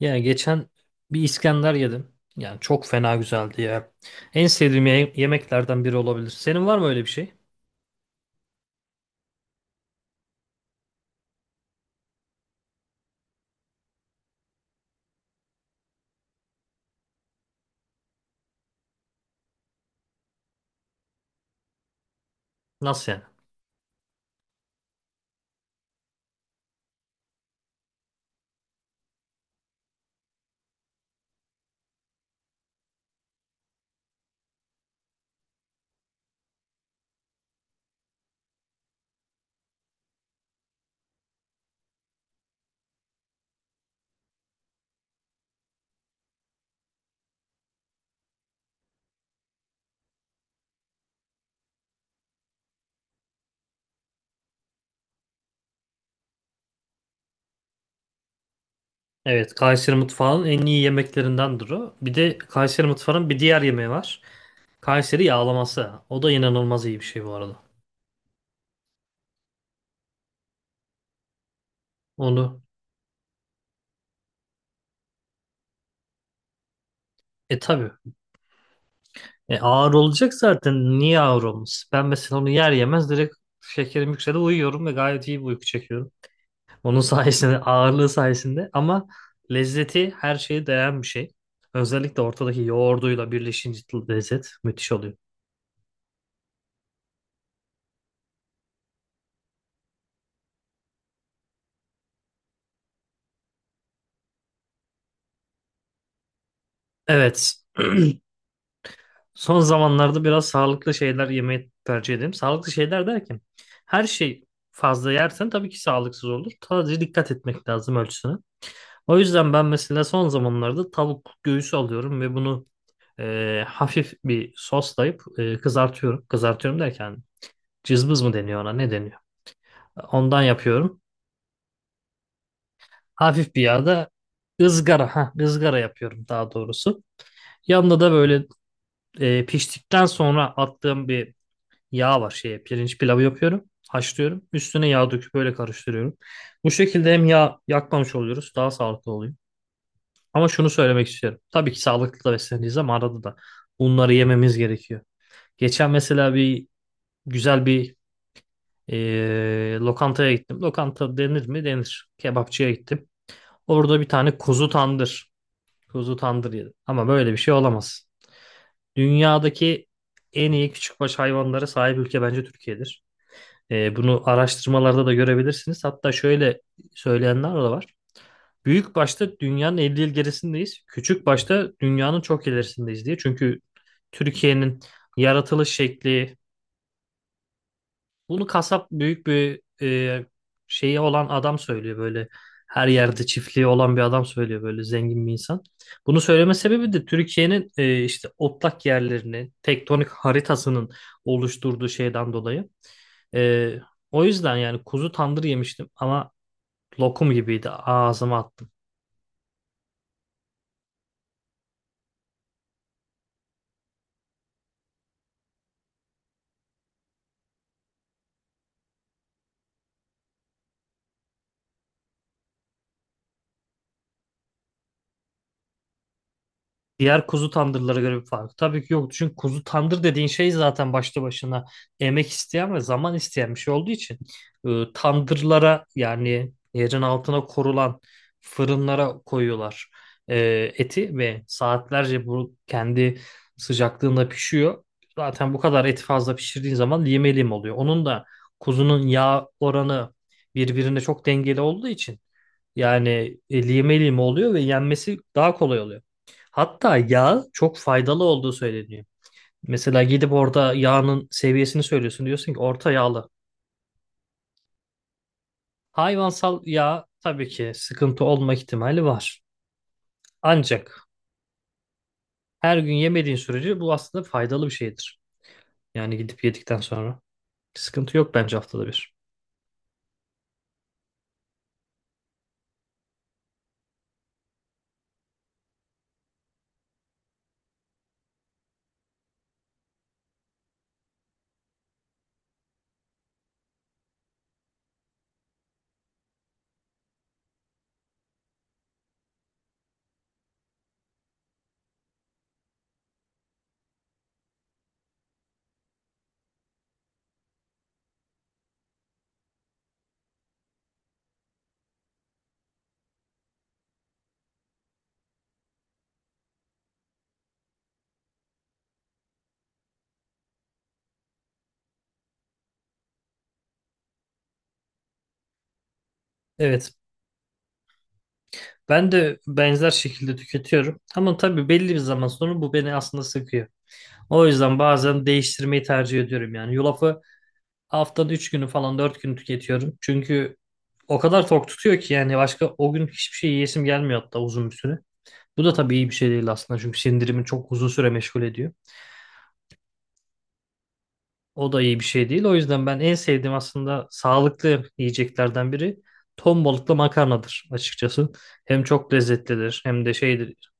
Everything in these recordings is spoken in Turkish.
Ya geçen bir İskender yedim. Yani çok fena güzeldi ya. En sevdiğim yemeklerden biri olabilir. Senin var mı öyle bir şey? Nasıl yani? Evet, Kayseri mutfağının en iyi yemeklerindendir o. Bir de Kayseri mutfağının bir diğer yemeği var. Kayseri yağlaması. O da inanılmaz iyi bir şey bu arada. Onu tabii. Ağır olacak zaten. Niye ağır olmuş? Ben mesela onu yer yemez direkt şekerim yükseldi uyuyorum ve gayet iyi bir uyku çekiyorum. Onun sayesinde, ağırlığı sayesinde ama lezzeti her şeye değen bir şey. Özellikle ortadaki yoğurduyla birleşince lezzet müthiş oluyor. Evet. Son zamanlarda biraz sağlıklı şeyler yemeyi tercih ederim. Sağlıklı şeyler derken her şey fazla yersen tabii ki sağlıksız olur. Sadece dikkat etmek lazım ölçüsüne. O yüzden ben mesela son zamanlarda tavuk göğsü alıyorum ve bunu hafif bir soslayıp kızartıyorum. Kızartıyorum derken cızbız mı deniyor ona ne deniyor? Ondan yapıyorum. Hafif bir yağda ızgara, ha ızgara yapıyorum daha doğrusu. Yanında da böyle piştikten sonra attığım bir yağ var şeye pirinç pilavı yapıyorum. Haşlıyorum. Üstüne yağ döküp böyle karıştırıyorum. Bu şekilde hem yağ yakmamış oluyoruz, daha sağlıklı oluyor. Ama şunu söylemek istiyorum. Tabii ki sağlıklı da besleneceğiz ama arada da bunları yememiz gerekiyor. Geçen mesela bir güzel bir lokantaya gittim. Lokanta denir mi? Denir. Kebapçıya gittim. Orada bir tane kuzu tandır. Kuzu tandır yedim. Ama böyle bir şey olamaz. Dünyadaki en iyi küçükbaş hayvanlara sahip ülke bence Türkiye'dir. Bunu araştırmalarda da görebilirsiniz. Hatta şöyle söyleyenler de var. Büyük başta dünyanın 50 yıl gerisindeyiz. Küçük başta dünyanın çok ilerisindeyiz diye. Çünkü Türkiye'nin yaratılış şekli, bunu kasap büyük bir şeyi olan adam söylüyor böyle. Her yerde çiftliği olan bir adam söylüyor böyle zengin bir insan. Bunu söyleme sebebi de Türkiye'nin işte otlak yerlerinin tektonik haritasının oluşturduğu şeyden dolayı. E, O yüzden yani kuzu tandır yemiştim ama lokum gibiydi ağzıma attım. Diğer kuzu tandırlara göre bir fark. Tabii ki yok. Çünkü kuzu tandır dediğin şey zaten başlı başına emek isteyen ve zaman isteyen bir şey olduğu için tandırlara yani yerin altına korulan fırınlara koyuyorlar e, eti ve saatlerce bu kendi sıcaklığında pişiyor. Zaten bu kadar eti fazla pişirdiğin zaman lime lim oluyor. Onun da kuzunun yağ oranı birbirine çok dengeli olduğu için yani lime lime oluyor ve yenmesi daha kolay oluyor. Hatta yağ çok faydalı olduğu söyleniyor. Mesela gidip orada yağının seviyesini söylüyorsun. Diyorsun ki orta yağlı. Hayvansal yağ tabii ki sıkıntı olma ihtimali var. Ancak her gün yemediğin sürece bu aslında faydalı bir şeydir. Yani gidip yedikten sonra. Sıkıntı yok bence haftada bir. Evet. Ben de benzer şekilde tüketiyorum. Ama tabii belli bir zaman sonra bu beni aslında sıkıyor. O yüzden bazen değiştirmeyi tercih ediyorum yani. Yulafı haftanın 3 günü falan 4 günü tüketiyorum. Çünkü o kadar tok tutuyor ki yani başka o gün hiçbir şey yiyesim gelmiyor hatta uzun bir süre. Bu da tabii iyi bir şey değil aslında çünkü sindirimi çok uzun süre meşgul ediyor. O da iyi bir şey değil. O yüzden ben en sevdiğim aslında sağlıklı yiyeceklerden biri ton balıklı makarnadır açıkçası. Hem çok lezzetlidir hem de şeydir.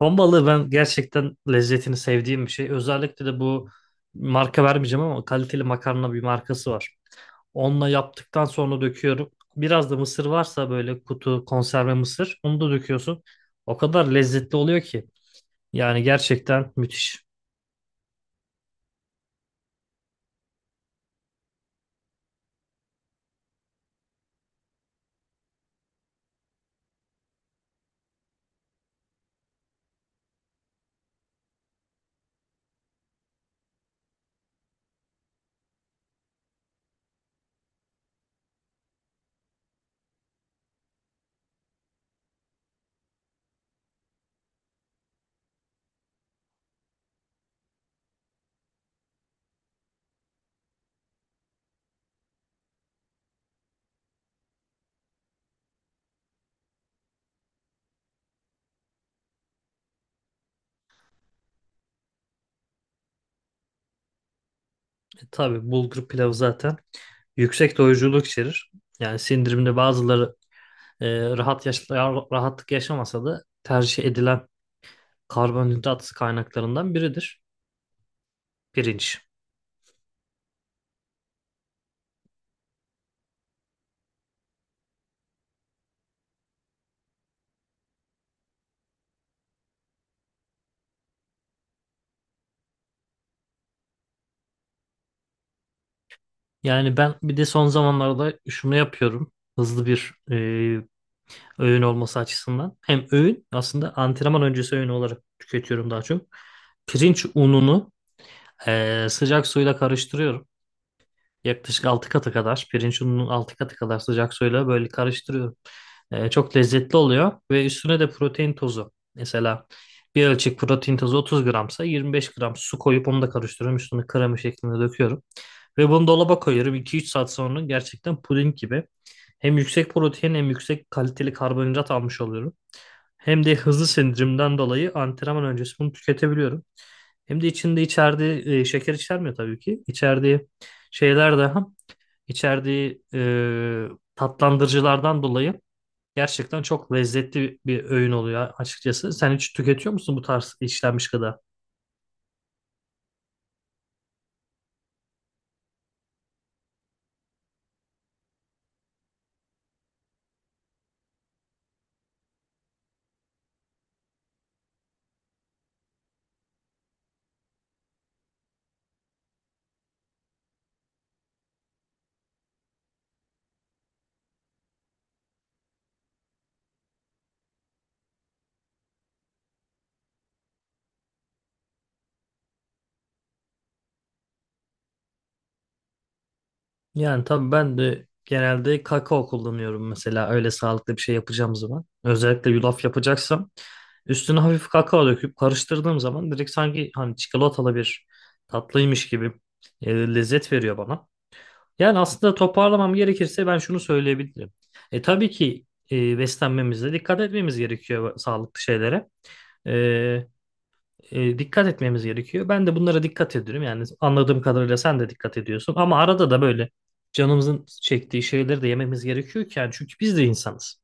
Ton balığı ben gerçekten lezzetini sevdiğim bir şey. Özellikle de bu marka vermeyeceğim ama kaliteli makarna bir markası var. Onunla yaptıktan sonra döküyorum. Biraz da mısır varsa böyle kutu konserve mısır onu da döküyorsun. O kadar lezzetli oluyor ki. Yani gerçekten müthiş. E, tabii bulgur pilavı zaten yüksek doyuruculuk içerir. Yani sindirimde bazıları rahat yaş rahatlık yaşamasa da tercih edilen karbonhidrat kaynaklarından biridir pirinç. Yani ben bir de son zamanlarda şunu yapıyorum. Hızlı bir öğün olması açısından. Hem öğün aslında antrenman öncesi öğün olarak tüketiyorum daha çok. Pirinç ununu sıcak suyla karıştırıyorum. Yaklaşık 6 katı kadar pirinç ununun 6 katı kadar sıcak suyla böyle karıştırıyorum. Çok lezzetli oluyor ve üstüne de protein tozu. Mesela bir ölçek protein tozu 30 gramsa 25 gram su koyup onu da karıştırıyorum. Üstüne krema şeklinde döküyorum. Ve bunu dolaba koyuyorum. İki üç saat sonra gerçekten puding gibi. Hem yüksek protein hem yüksek kaliteli karbonhidrat almış oluyorum. Hem de hızlı sindirimden dolayı antrenman öncesi bunu tüketebiliyorum. Hem de içerdiği şeker içermiyor tabii ki. İçerdiği şeyler daha içerdiği e, tatlandırıcılardan dolayı gerçekten çok lezzetli bir öğün oluyor açıkçası. Sen hiç tüketiyor musun bu tarz işlenmiş gıda? Yani tabii ben de genelde kakao kullanıyorum mesela öyle sağlıklı bir şey yapacağım zaman. Özellikle yulaf yapacaksam üstüne hafif kakao döküp karıştırdığım zaman direkt sanki hani çikolatalı bir tatlıymış gibi lezzet veriyor bana. Yani aslında toparlamam gerekirse ben şunu söyleyebilirim. E tabii ki beslenmemize dikkat etmemiz gerekiyor sağlıklı şeylere. E, Dikkat etmemiz gerekiyor. Ben de bunlara dikkat ediyorum. Yani anladığım kadarıyla sen de dikkat ediyorsun. Ama arada da böyle canımızın çektiği şeyleri de yememiz gerekiyor ki. Yani çünkü biz de insanız.